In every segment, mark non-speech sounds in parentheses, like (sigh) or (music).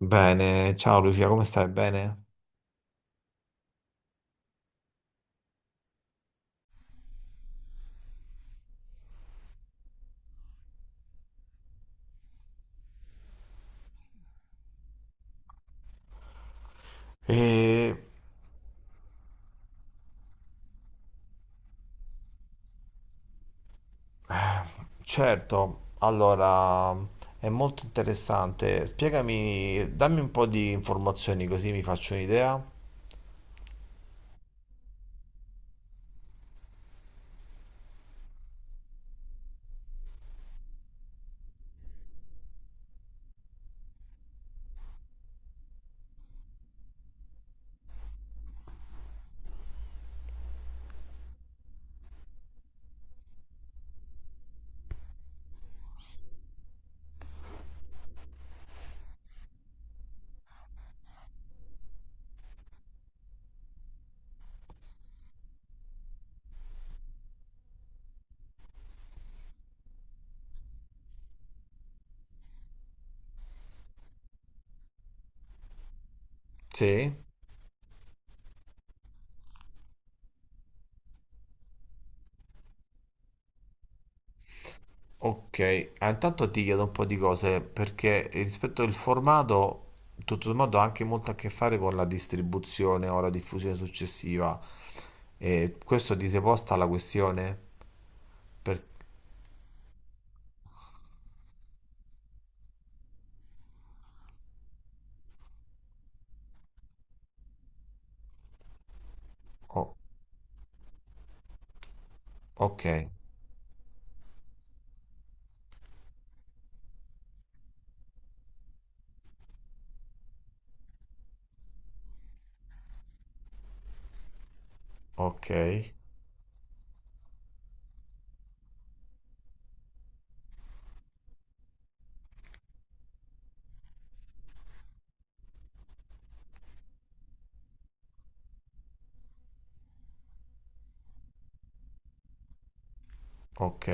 Bene, ciao Lucia, come stai? Bene? E certo, allora è molto interessante. Spiegami, dammi un po' di informazioni così mi faccio un'idea. Sì. Ok, ah, intanto ti chiedo un po' di cose perché rispetto al formato, tutto sommato ha anche molto a che fare con la distribuzione o la diffusione successiva. E questo ti sei posta la questione? Per- oh, ok, ok, ok.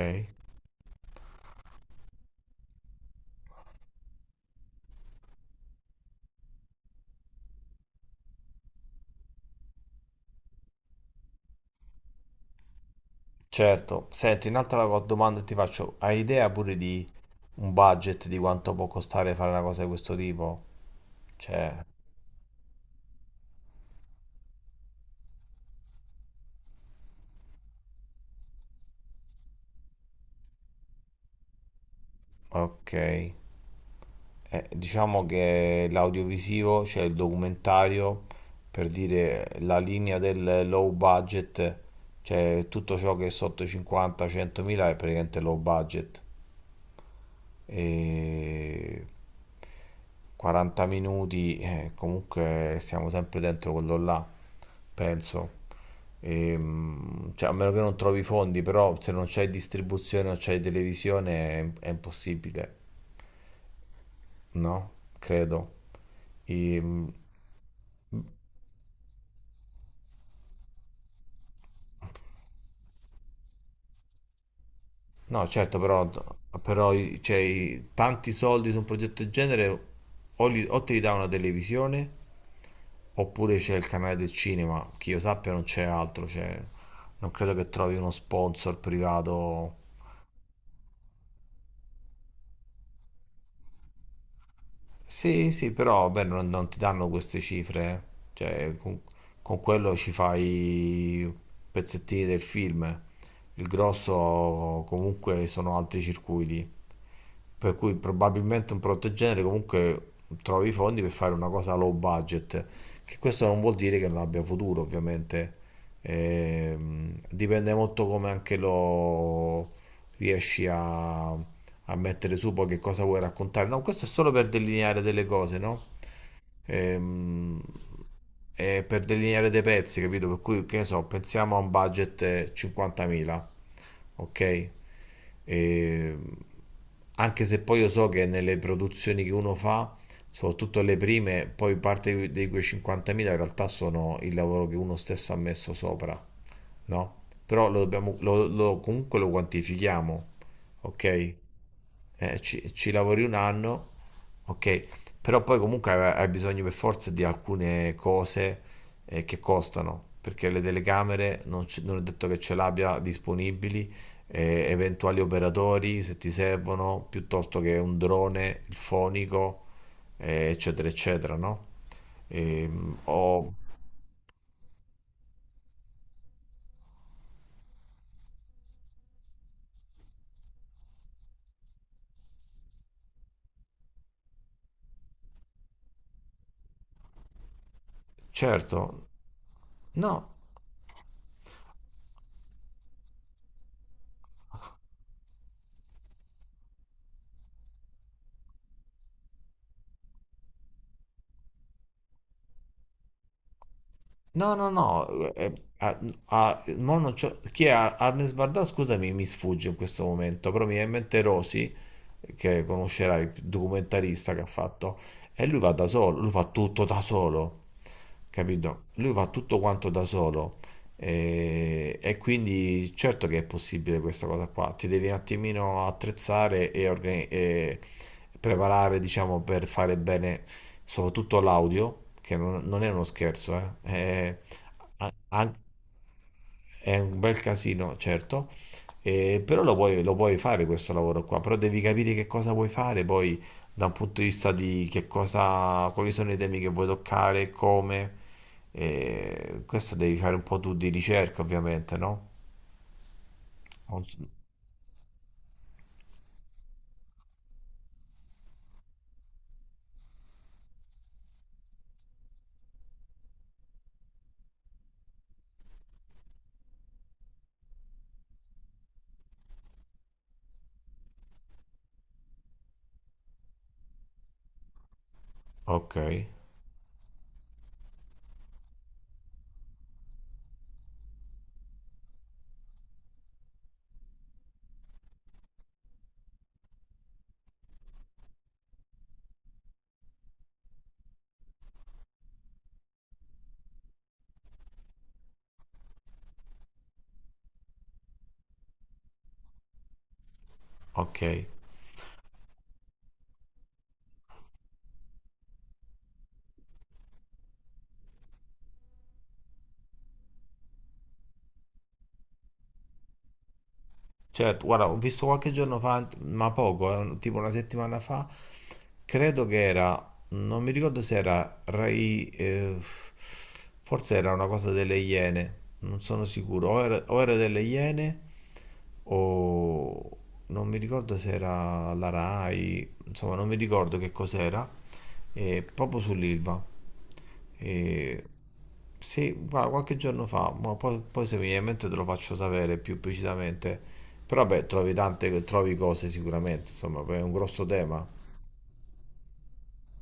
Certo, senti, un'altra domanda che ti faccio, hai idea pure di un budget di quanto può costare fare una cosa di questo tipo? Cioè, ok. Diciamo che l'audiovisivo, cioè il documentario, per dire la linea del low budget, cioè tutto ciò che è sotto i 50-100.000 è praticamente low budget. E 40 minuti, comunque stiamo sempre dentro quello là, penso. Cioè, a meno che non trovi i fondi, però se non c'è distribuzione o c'è televisione è impossibile, no? Credo. Ehm, no, certo, però cioè, tanti soldi su un progetto del genere o te li dà una televisione oppure c'è il canale del cinema, che io sappia non c'è altro, cioè, non credo che trovi uno sponsor privato. Sì, sì, però beh, non ti danno queste cifre, eh. Cioè, con quello ci fai pezzettini del film. Il grosso comunque sono altri circuiti. Per cui probabilmente un prodotto del genere comunque trovi i fondi per fare una cosa low budget. Che questo non vuol dire che non abbia futuro, ovviamente. Dipende molto come anche lo riesci a mettere su, poi che cosa vuoi raccontare. No, questo è solo per delineare delle cose, no? Ehm, per delineare dei pezzi, capito? Per cui, che ne so, pensiamo a un budget 50.000, ok? E, anche se poi io so che nelle produzioni che uno fa, soprattutto le prime, poi parte di quei 50.000 in realtà sono il lavoro che uno stesso ha messo sopra, no? Però lo dobbiamo, comunque lo quantifichiamo, ok? Ci, ci lavori un anno, ok, però poi comunque hai bisogno per forza di alcune cose, che costano, perché le telecamere non, non è detto che ce l'abbia disponibili, eventuali operatori se ti servono, piuttosto che un drone, il fonico, eccetera, eccetera, no? O Certo, no. No, no, no, ah, mo non c'ho- chi è Arnes Barda? Scusami, mi sfugge in questo momento, però mi viene in mente Rosi, che conoscerai, il documentarista che ha fatto, e lui va da solo, lui fa tutto da solo, capito? Lui fa tutto quanto da solo e quindi certo che è possibile questa cosa qua, ti devi un attimino attrezzare e preparare, diciamo, per fare bene soprattutto l'audio, che non è uno scherzo, eh. A- an- è un bel casino, certo, però lo puoi fare questo lavoro qua, però devi capire che cosa vuoi fare poi da un punto di vista di che cosa, quali sono i temi che vuoi toccare, come. Questo devi fare un po' tu di ricerca, ovviamente, no? Non so- Ok, ok. Certo, guarda, ho visto qualche giorno fa, ma poco, tipo una settimana fa, credo che era, non mi ricordo se era Rai, forse era una cosa delle Iene, non sono sicuro, o era delle Iene o non mi ricordo se era la Rai, insomma non mi ricordo che cos'era, proprio sull'Ilva. Eh sì, guarda, qualche giorno fa, ma poi se mi viene in mente te lo faccio sapere più precisamente. Però beh, trovi tante, trovi cose sicuramente, insomma, è un grosso tema.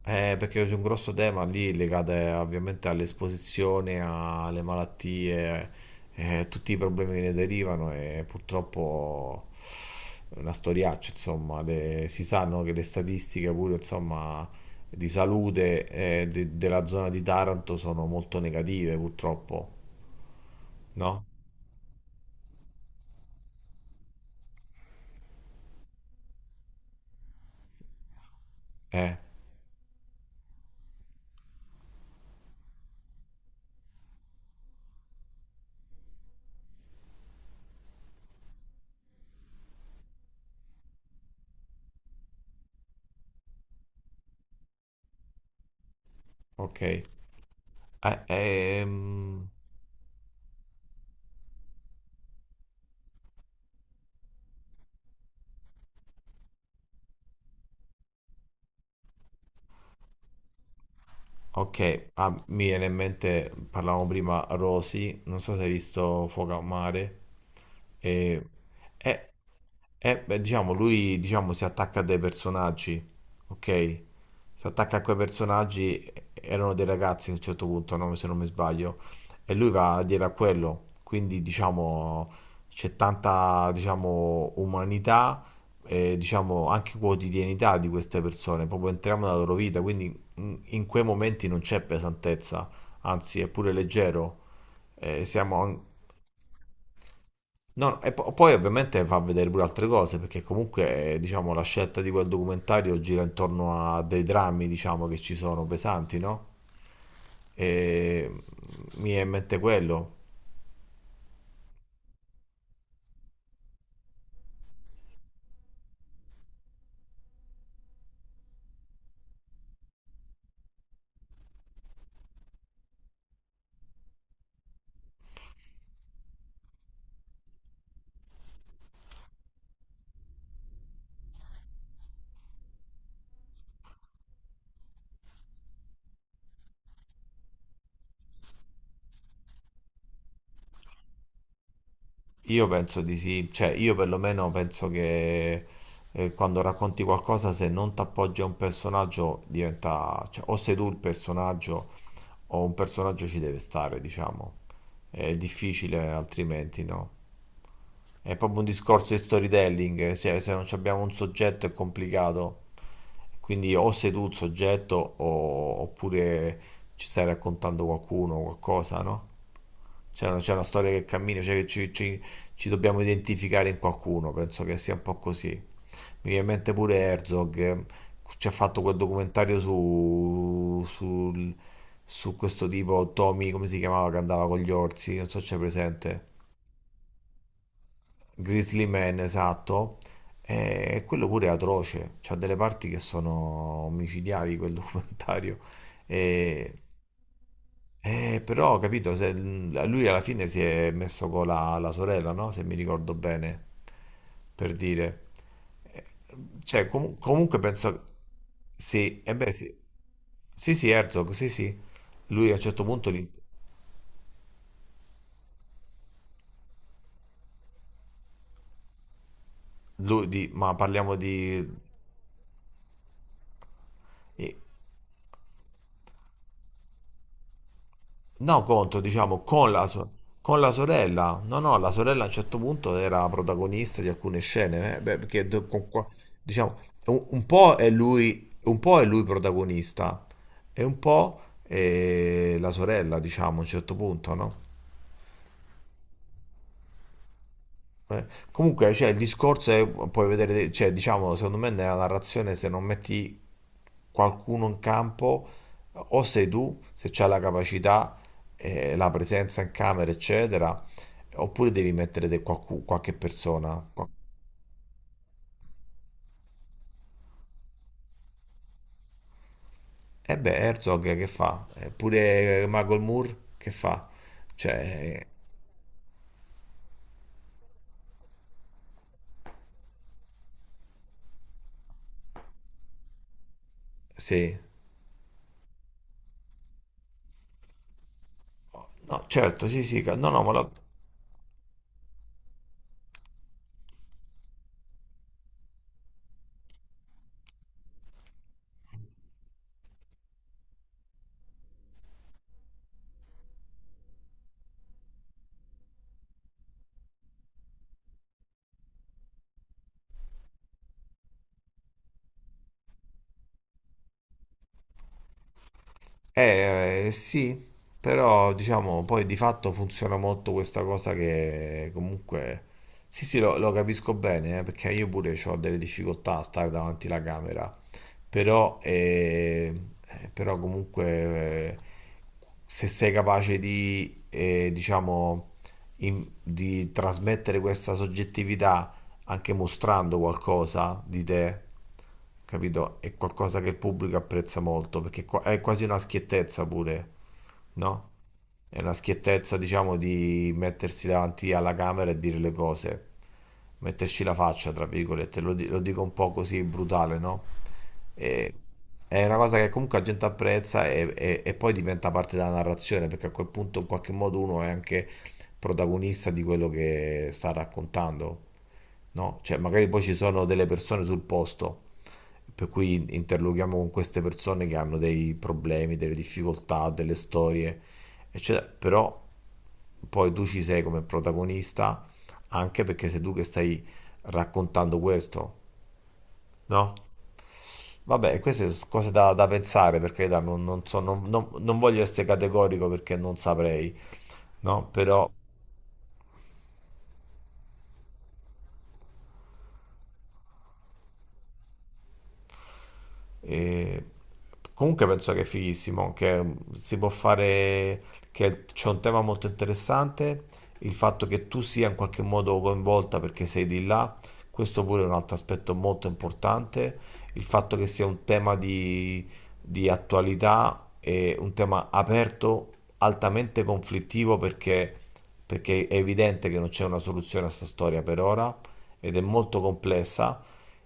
Perché c'è un grosso tema lì legato, ovviamente all'esposizione, alle malattie, tutti i problemi che ne derivano e purtroppo è una storiaccia, insomma. Si sanno che le statistiche pure, insomma, di salute, della zona di Taranto sono molto negative, purtroppo, no? Eh, ok. Eh, ehm, Ok, ah, mi viene in mente, parlavamo prima, Rosy, non so se hai visto Fuoco a Mare, e, eh, beh, diciamo, lui diciamo, si attacca a dei personaggi, ok? Si attacca a quei personaggi, erano dei ragazzi a un certo punto, no? Se non mi sbaglio, e lui va a dire a quello, quindi diciamo c'è tanta, diciamo, umanità e diciamo anche quotidianità di queste persone, proprio entriamo nella loro vita, quindi in quei momenti non c'è pesantezza, anzi è pure leggero. Eh, siamo an- No, no, e poi ovviamente fa vedere pure altre cose, perché comunque, diciamo, la scelta di quel documentario gira intorno a dei drammi, diciamo, che ci sono pesanti, no? E mi è in mente quello. Io penso di sì, cioè io perlomeno penso che, quando racconti qualcosa, se non ti appoggi a un personaggio, diventa, cioè, o sei tu il personaggio o un personaggio ci deve stare, diciamo. È difficile altrimenti, no? È proprio un discorso di storytelling, se non abbiamo un soggetto è complicato. Quindi o sei tu il soggetto oppure ci stai raccontando qualcuno, qualcosa, no? C'è una storia che cammina, cioè che ci dobbiamo identificare in qualcuno, penso che sia un po' così. Mi viene in mente pure Herzog, ci ha fatto quel documentario su questo tipo, Tommy, come si chiamava, che andava con gli orsi, non so se c'è presente. Grizzly Man, esatto. E quello pure è atroce. C'ha delle parti che sono omicidiali quel (laughs) documentario. E, e però, capito, lui alla fine si è messo con la sorella, no? Se mi ricordo bene, per dire. Eh, Cioè, comunque penso... Sì, e beh, sì. Sì, sì, Herzog, sì, sì. Lui a un certo punto... Ma parliamo di... No, contro, diciamo, con la sorella. No, no, la sorella a un certo punto era protagonista di alcune scene, beh, perché diciamo, un po' è lui, un po' è lui, protagonista e un po' è la sorella, diciamo, a un certo punto, no? Comunque, cioè, il discorso è, puoi vedere, cioè, diciamo, secondo me nella narrazione se non metti qualcuno in campo, o sei tu, se c'hai la capacità, la presenza in camera, eccetera, oppure devi mettere qualche persona. E beh, Herzog che fa? Eppure Michael Moore che fa? Cioè, sì. No, certo, sì, sì, no, no, ma Sì, però diciamo poi di fatto funziona molto questa cosa che comunque... Sì, sì, lo capisco bene, perché io pure ho delle difficoltà a stare davanti alla camera, però, eh, però comunque, eh, se sei capace di, diciamo, di trasmettere questa soggettività anche mostrando qualcosa di te, capito? È qualcosa che il pubblico apprezza molto, perché è quasi una schiettezza pure, no? È una schiettezza, diciamo, di mettersi davanti alla camera e dire le cose, metterci la faccia, tra virgolette, lo dico un po' così brutale, no? E- è una cosa che comunque la gente apprezza e poi diventa parte della narrazione, perché a quel punto in qualche modo uno è anche protagonista di quello che sta raccontando, no? Cioè, magari poi ci sono delle persone sul posto. Per cui interloghiamo con queste persone che hanno dei problemi, delle difficoltà, delle storie, eccetera. Però poi tu ci sei come protagonista anche perché sei tu che stai raccontando questo, no? Vabbè, queste sono cose da pensare perché non so, non voglio essere categorico perché non saprei, no? Però. E comunque penso che è fighissimo, che si può fare, che c'è un tema molto interessante, il fatto che tu sia in qualche modo coinvolta perché sei di là, questo pure è un altro aspetto molto importante, il fatto che sia un tema di attualità e un tema aperto, altamente conflittivo perché è evidente che non c'è una soluzione a questa storia per ora ed è molto complessa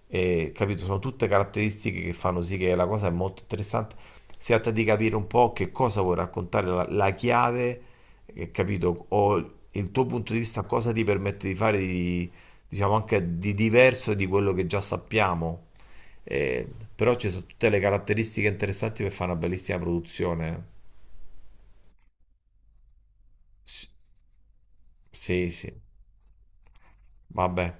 e, capito? Sono tutte caratteristiche che fanno sì che la cosa è molto interessante. Si tratta di capire un po' che cosa vuoi raccontare, la chiave, capito? O il tuo punto di vista, cosa ti permette di fare di, diciamo anche di diverso di quello che già sappiamo. Eh, Però ci sono tutte le caratteristiche interessanti per fare una bellissima produzione. S- Sì, sì. Vabbè,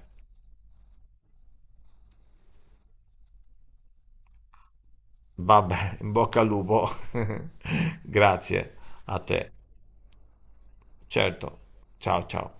vabbè, (laughs) in bocca al lupo. (laughs) Grazie a te. Certo. Ciao, ciao.